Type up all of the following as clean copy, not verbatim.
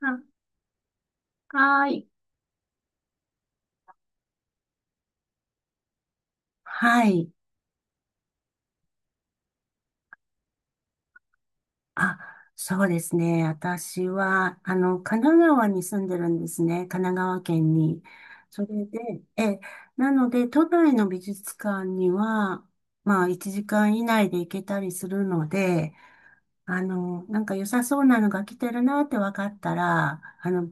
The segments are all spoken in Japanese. あ、はい。はい。あ、そうですね。私は、神奈川に住んでるんですね。神奈川県に。それで、なので、都内の美術館には、まあ、1時間以内で行けたりするので、なんか良さそうなのが来てるなって分かったら、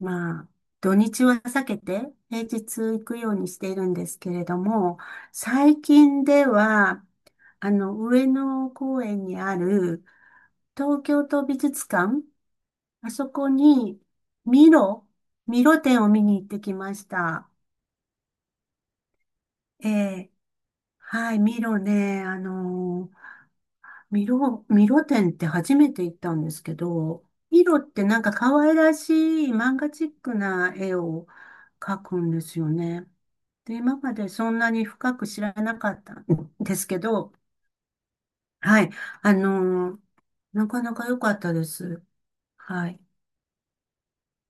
まあ、土日は避けて平日行くようにしているんですけれども、最近では、上野公園にある東京都美術館、あそこにミロ、ミロ展を見に行ってきました。ええ、はい、ミロね、ミロ展って初めて行ったんですけど、ミロってなんか可愛らしい漫画チックな絵を描くんですよね。で、今までそんなに深く知らなかったんですけど、はい。あのーなかなか良かったです。はい。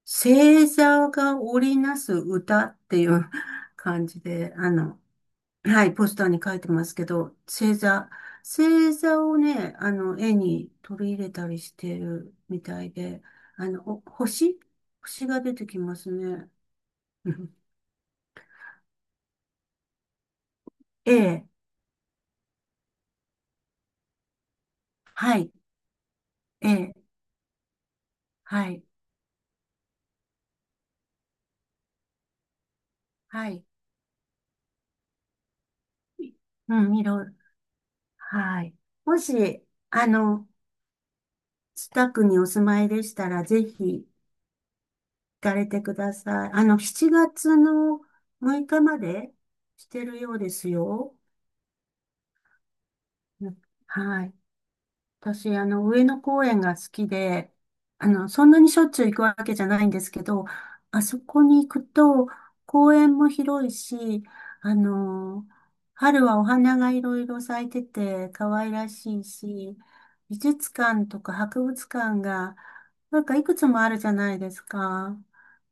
星座が織りなす歌っていう 感じで、はい、ポスターに書いてますけど、星座をね、絵に取り入れたりしてるみたいで、あの、お星星が出てきますね。うん、 A はい、A、はい、はい。うん、色、はい。もし、あの、近くにお住まいでしたら、ぜひ行かれてください。7月の6日までしてるようですよ。うん、はい。私、上野公園が好きで、そんなにしょっちゅう行くわけじゃないんですけど、あそこに行くと、公園も広いし、あの、春はお花がいろいろ咲いてて、可愛らしいし、美術館とか博物館が、なんかいくつもあるじゃないですか。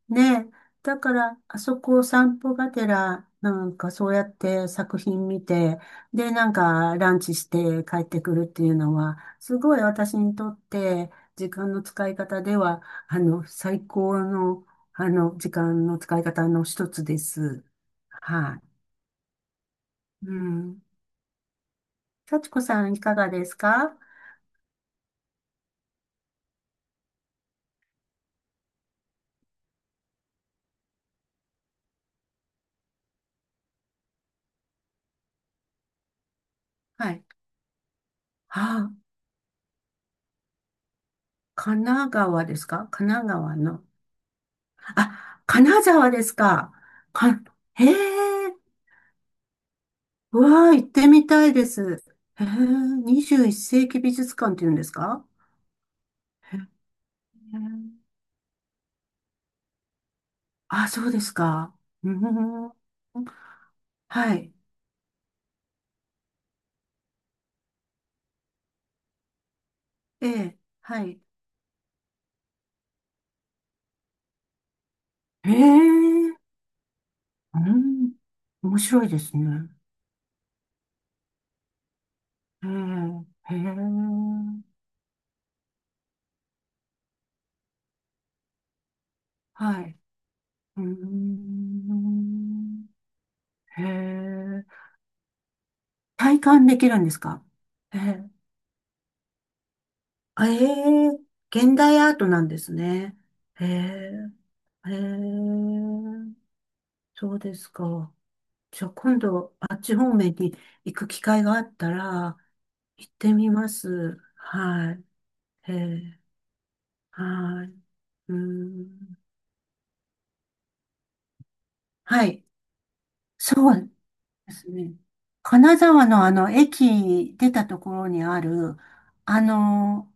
ねえ。だから、あそこを散歩がてら、なんかそうやって作品見て、で、なんかランチして帰ってくるっていうのは、すごい私にとって、時間の使い方では、最高の、時間の使い方の一つです。はい。うん。幸子さん、いかがですか？はい。あ、神奈川ですか？神奈川の。あ、金沢ですか。か、へえ。うわあ、行ってみたいです。へえ、21世紀美術館って言うんですか？へえ。あ、そうですか。うん。はい。ええ、はい。へえ、うん。面白いですね。へえ、へえ、はい。うん。へえ、体感できるんですか？へえ、あええ、現代アートなんですね。へえ、へえ。そうですか。じゃあ今度、あっち方面に行く機会があったら、行ってみます。はい。はい。うーん。はい。そうですね。金沢の駅出たところにある、あの、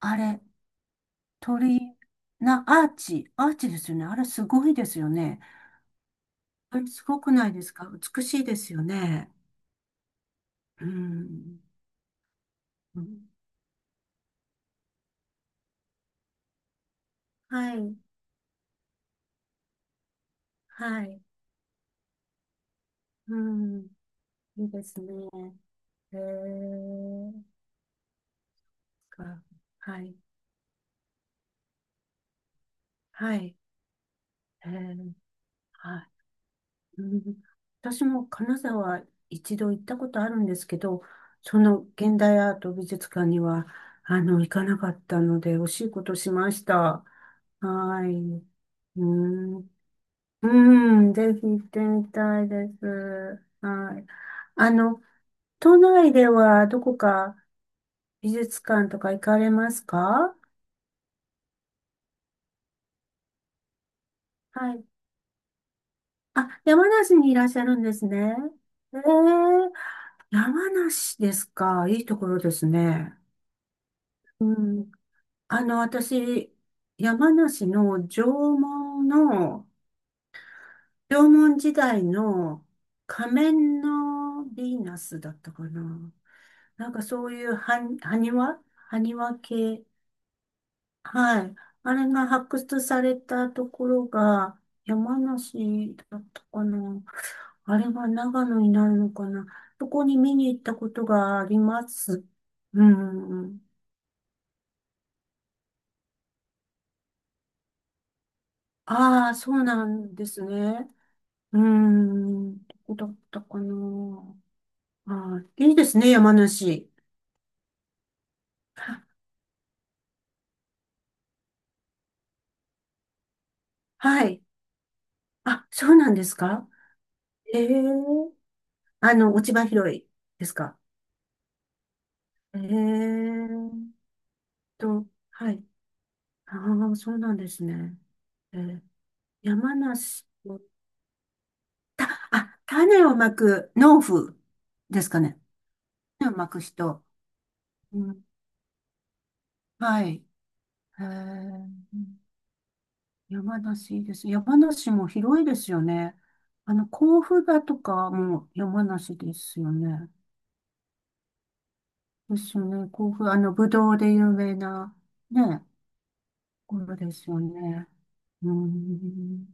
あれ、鳥居な、アーチですよね。あれすごいですよね。あれすごくないですか？美しいですよね。うん。うん、はい。はい。うん。いいですね。へえ、か、はい、はい、へえ、はい。うん、私も金沢一度行ったことあるんですけど、その現代アート美術館には、行かなかったので、惜しいことしました。はい。うん、うん、ぜひ行ってみたいです。はい。あの、都内ではどこか美術館とか行かれますか？はい、あ、山梨にいらっしゃるんですね。ええ、山梨ですか。いいところですね。うん。私、山梨の縄文時代の仮面のヴィーナスだったかな。なんかそういう埴輪系。はい。あれが発掘されたところが山梨だったかな。あれは長野になるのかな。そこに見に行ったことがあります。うん。ああ、そうなんですね。うん。どこだったかな。ああ、いいですね、山梨。はい。あ、そうなんですか。ええ、落ち葉拾いですか？ええはい。ああ、そうなんですね。えー山梨の、種をまく農夫ですかね。種をまく人。うん、はい。へえ、うん、山梨いいですね、山梨も広いですよね。甲府だとかも山梨ですよね。ですよね。甲府、ぶどうで有名な、ね、ところですよね。うーん。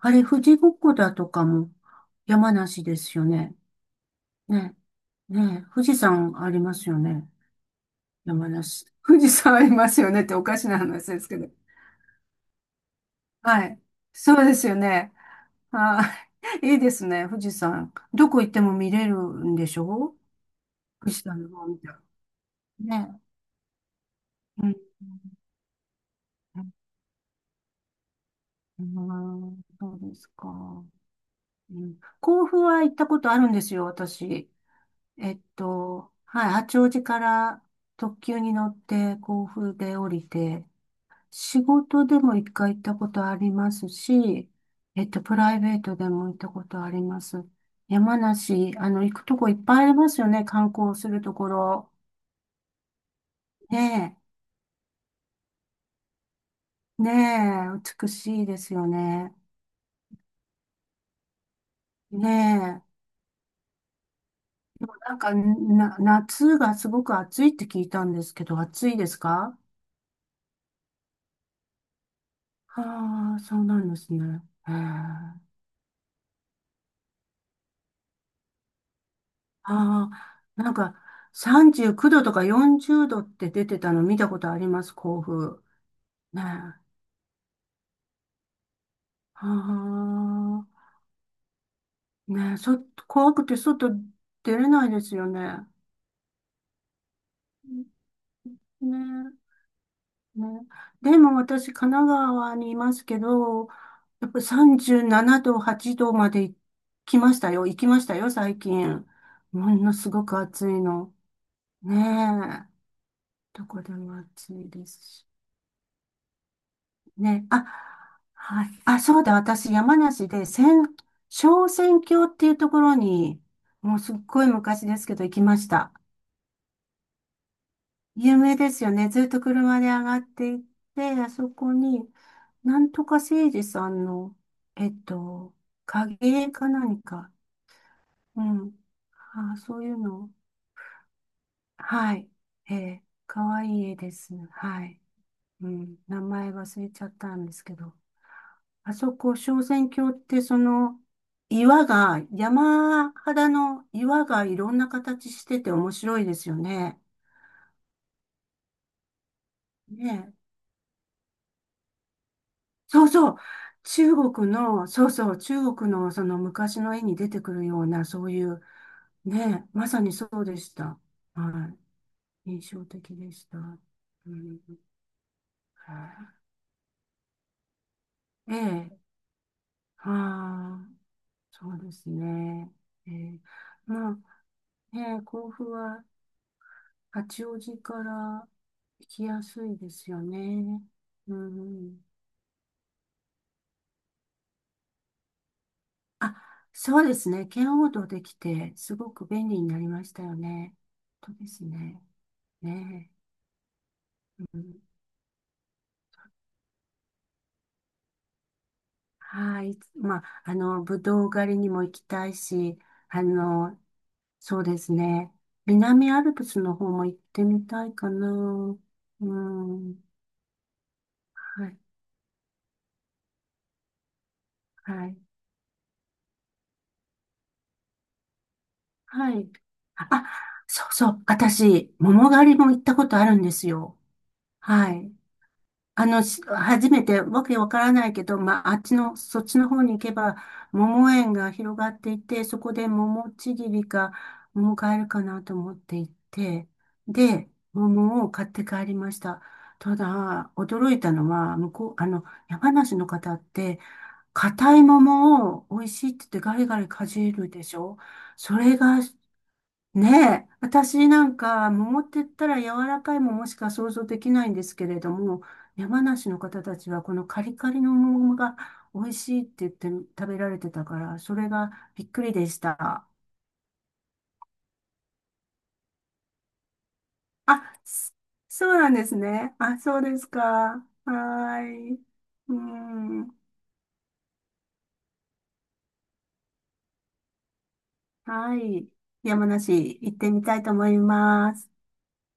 あれ、富士五湖だとかも山梨ですよね。ね。ね。富士山ありますよね。山梨。富士山ありますよねっておかしな話ですけど。はい。そうですよね。はい いいですね、富士山。どこ行っても見れるんでしょ？富士山の方みたいな。ね。うん。うん、そうですか。うん、甲府は行ったことあるんですよ、私。はい、八王子から特急に乗って甲府で降りて、仕事でも一回行ったことありますし、プライベートでも行ったことあります。山梨、行くとこいっぱいありますよね、観光するところ。ねえ、ねえ、美しいですよね。ねえ。でもなんか、夏がすごく暑いって聞いたんですけど、暑いですか？ああ、そうなんですね。へえ、ああ、なんか、39度とか40度って出てたの見たことあります、甲府。ねえ。ああ、ねえ、怖くて外出れないですよね。ね、ね、でも私、神奈川にいますけど、やっぱ37度、8度まで来ましたよ。行きましたよ、最近。ものすごく暑いの。ねえ。どこでも暑いですし。ね、あ、はい。あ、そうだ、私、山梨で、小仙峡っていうところに、もうすっごい昔ですけど、行きました。有名ですよね。ずっと車で上がっていって、あそこに、なんとかせいじさんの、えっと、影絵か何か。うん。あー、そういうの。はい。ええ、かわいい絵です。はい。うん。名前忘れちゃったんですけど。あそこ、昇仙峡って、山肌の岩がいろんな形してて面白いですよね。ね、そうそう。中国の、そうそう、中国のその昔の絵に出てくるような、そういう、ね、まさにそうでした。はい。印象的でした。うん、はい、ええ、は、あ、そうですね。ええ、まあ、ね、甲府は八王子から行きやすいですよね。うん。あ、そうですね。圏央道できて、すごく便利になりましたよね。本当ですね。ねえ。うん、はい。まあ、ぶどう狩りにも行きたいし、あの、そうですね。南アルプスの方も行ってみたいかな。うん。はい。はい。はい。あ、そうそう。私、桃狩りも行ったことあるんですよ。はい。初めて、わけわからないけど、まあ、あっちの、そっちの方に行けば、桃園が広がっていて、そこで桃ちぎりか、桃買えるかなと思って行って、で、桃を買って帰りました。ただ、驚いたのは、向こう、山梨の方って、硬い桃を美味しいって言ってガリガリかじるでしょ？それが、ねえ、私なんか、桃って言ったら柔らかい桃しか想像できないんですけれども、山梨の方たちはこのカリカリの桃が美味しいって言って食べられてたから、それがびっくりでした。あ、そうなんですね。あ、そうですか。はーい。うん。はい。山梨行ってみたいと思います。